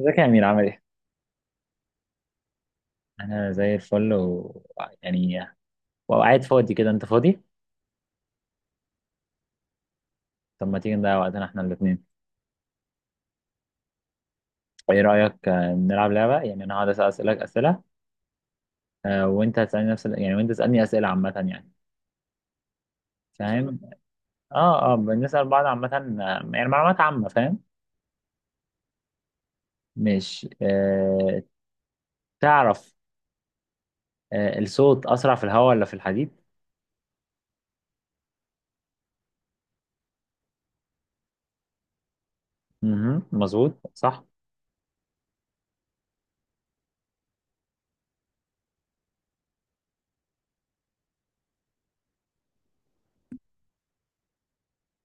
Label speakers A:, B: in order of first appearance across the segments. A: ازيك يا امير عامل ايه؟ انا زي الفل و يعني وقاعد فاضي كده. انت فاضي؟ طب ما تيجي نضيع وقتنا احنا الاثنين. ايه رايك نلعب لعبه. يعني انا هقعد اسالك اسئله، وانت هتسالني نفس وانت تسالني اسئله عامه يعني. فاهم؟ اه، اه، بنسال بعض عامه. يعني معلومات عامه. فاهم؟ مش آه، تعرف، الصوت اسرع في الهواء ولا في الحديد؟ مهم. مظبوط صح؟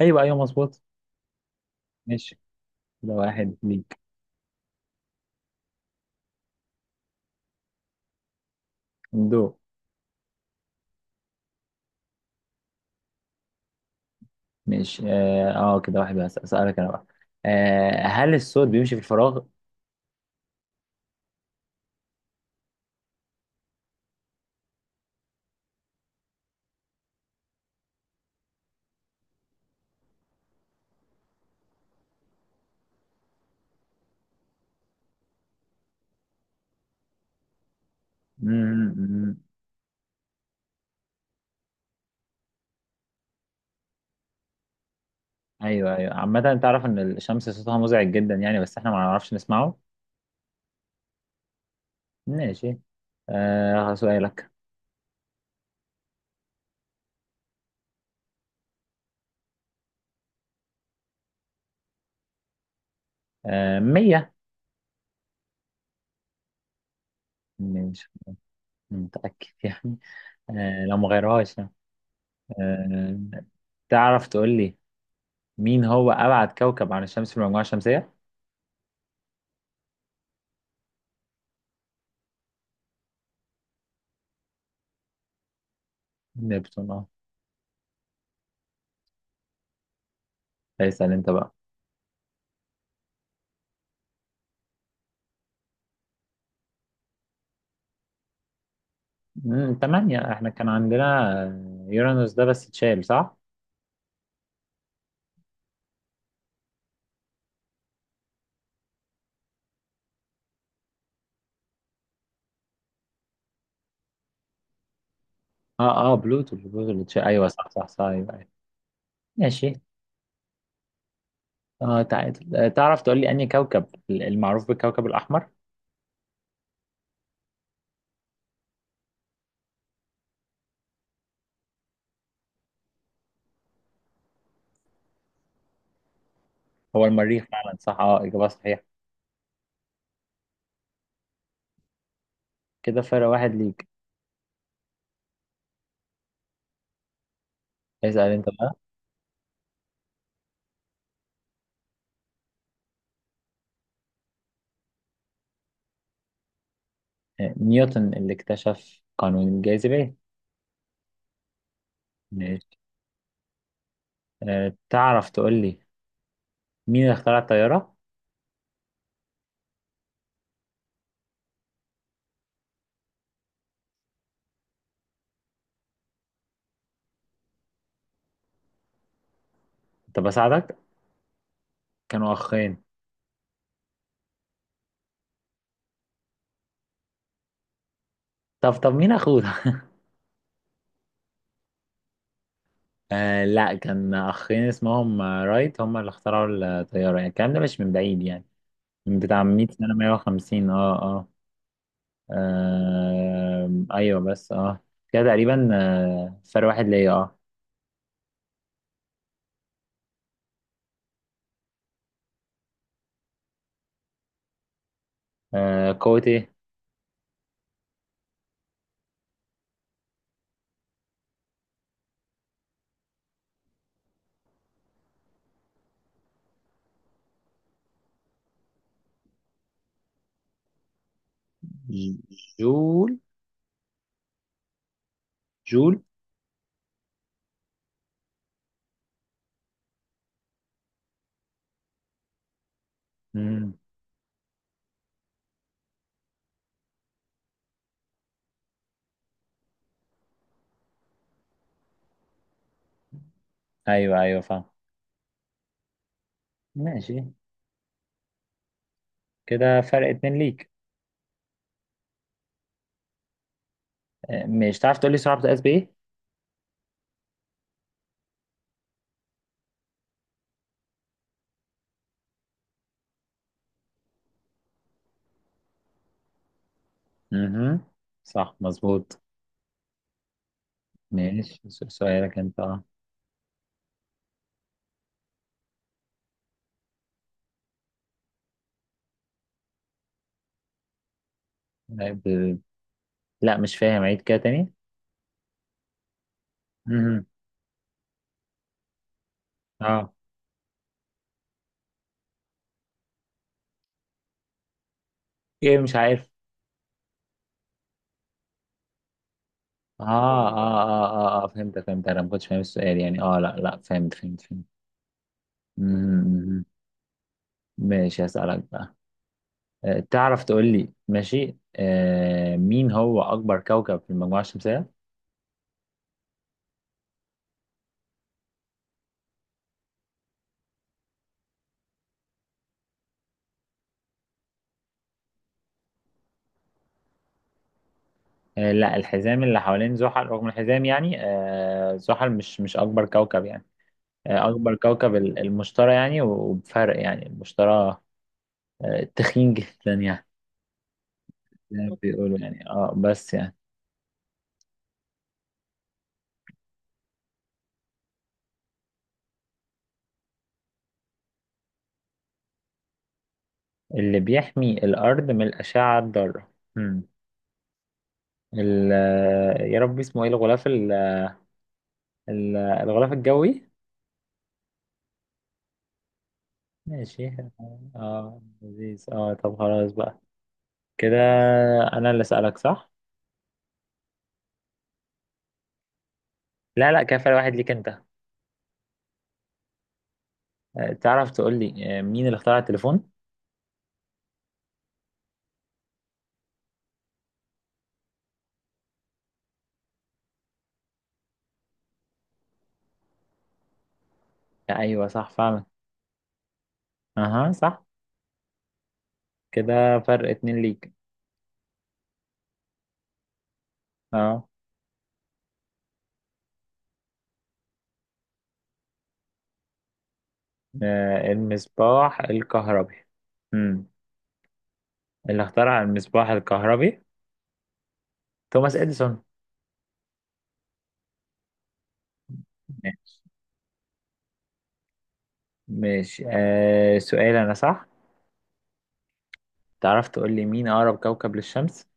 A: ايوه، ايوه، مظبوط. ماشي، ده واحد ليك. دو، مش اه، كده واحد بس. اسالك انا بقى، هل الصوت بيمشي في الفراغ؟ مم، مم. ايوه، ايوه، عامه تعرف ان الشمس صوتها مزعج جدا يعني، بس احنا ما نعرفش نسمعه. ماشي، آه، سؤالك. آه، مية. مش متأكد يعني. آه لو مغيرهاش يعني. آه، تعرف تقول لي مين هو أبعد كوكب عن الشمس في المجموعة الشمسية؟ نبتون، اه. اسأل انت بقى. مم، تمانية. احنا كان عندنا يورانوس ده بس اتشال، صح؟ اه، اه، بلوتو، بلوتو اللي ايوه، صح صح صح، ايوه، أيوة. ماشي. اه، تعال، تعرف تقول لي انهي كوكب المعروف بالكوكب الاحمر؟ هو المريخ فعلا، صح، اه، اجابه صحيحه. كده فرق واحد ليك. اسال انت بقى. نيوتن اللي اكتشف قانون الجاذبيه. ماشي، آه، تعرف تقول لي مين اللي اخترع الطياره؟ طب بساعدك، كانوا اخين. طب، طب، مين اخوه ده؟ آه، لا كان اخين اسمهم رايت، هم اللي اخترعوا الطياره. يعني الكلام ده مش من بعيد يعني، من بتاع 100 سنه، 150، اه، اه، آه، ايوه، بس اه، كده تقريبا. آه، فرق واحد ليا، اه. آه، قوة ايه؟ ج- جول. جول. مم. ايوه، ايوه، فاهم. ماشي، كده فرق اتنين ليك. آه مش، تعرف تقولي سرعة بتقاس بايه؟ مهم. صح، مظبوط. ماشي، سؤالك انت، اه. لا ب- لا، مش فاهم، عيد كده تاني. مهم. اه. ايه؟ مش عارف. اه اه اه اه، آه فهمت، فهمت، انا ما كنتش فاهم السؤال يعني. اه لا لا، فهمت، فهمت، فهمت. مهم. ماشي، هسألك بقى. تعرف تقول لي ماشي، مين هو أكبر كوكب في المجموعة الشمسية؟ آه، لا، الحزام اللي حوالين زحل رغم الحزام يعني، آه، زحل مش أكبر كوكب يعني. آه، أكبر كوكب المشتري يعني، وبفرق يعني. المشتري آه، تخين جدا يعني، زي ما بيقولوا يعني، اه، بس يعني. اللي بيحمي الأرض من الأشعة الضارة، هم. يا رب اسمه ايه، الغلاف الغلاف الجوي. ماشي. اه، لذيذ. اه، طب خلاص بقى كده، انا اللي اسالك، صح؟ لا لا، كفى واحد ليك انت. تعرف تقول لي مين اللي اخترع التليفون؟ لا، ايوه، صح فعلا. اها، صح. كده فرق اتنين ليك. اه، المصباح الكهربي. امم، اللي اخترع المصباح الكهربي توماس اديسون. ماشي. ماشي، آه، سؤال انا صح. تعرف تقول لي مين اقرب كوكب للشمس؟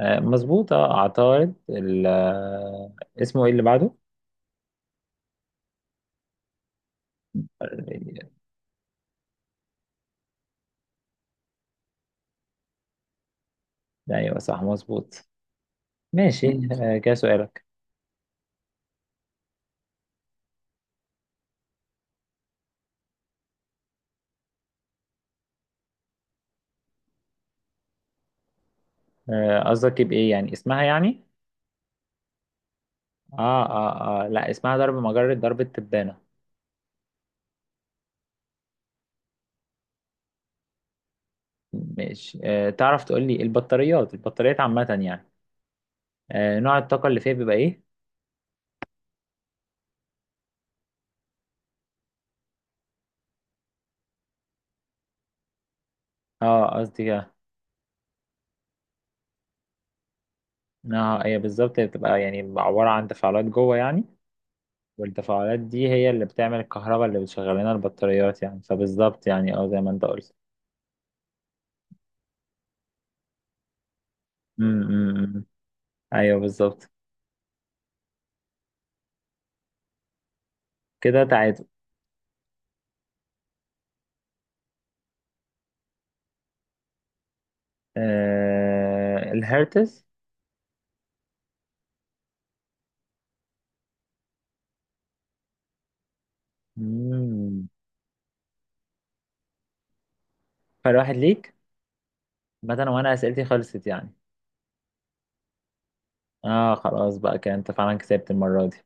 A: آه مظبوط، اه، عطارد، اسمه ايه اللي بعده؟ ايوه، صح، مظبوط. ماشي. مم. آه، كده سؤالك. آه، قصدك بايه يعني، اسمها يعني؟ اه اه اه، لا، اسمها ضرب، مجرة ضرب التبانة. ماشي. آه، تعرف تقول لي البطاريات، البطاريات عامة يعني، آه، نوع الطاقة اللي فيها بيبقى ايه؟ اه، قصدي كده. اه، هي بالظبط، هي بتبقى يعني عبارة عن تفاعلات جوه يعني، والتفاعلات دي هي اللي بتعمل الكهرباء اللي بتشغل لنا البطاريات يعني. فبالظبط يعني، اه، زي ما انت قلت. امم، أمم، أمم. ايوه بالظبط. كده تعادل. الهرتز. مم. فرق واحد ليك مثلا، وانا اسئلتي خلصت يعني. اه، خلاص بقى كده، انت فعلا كسبت المرة دي.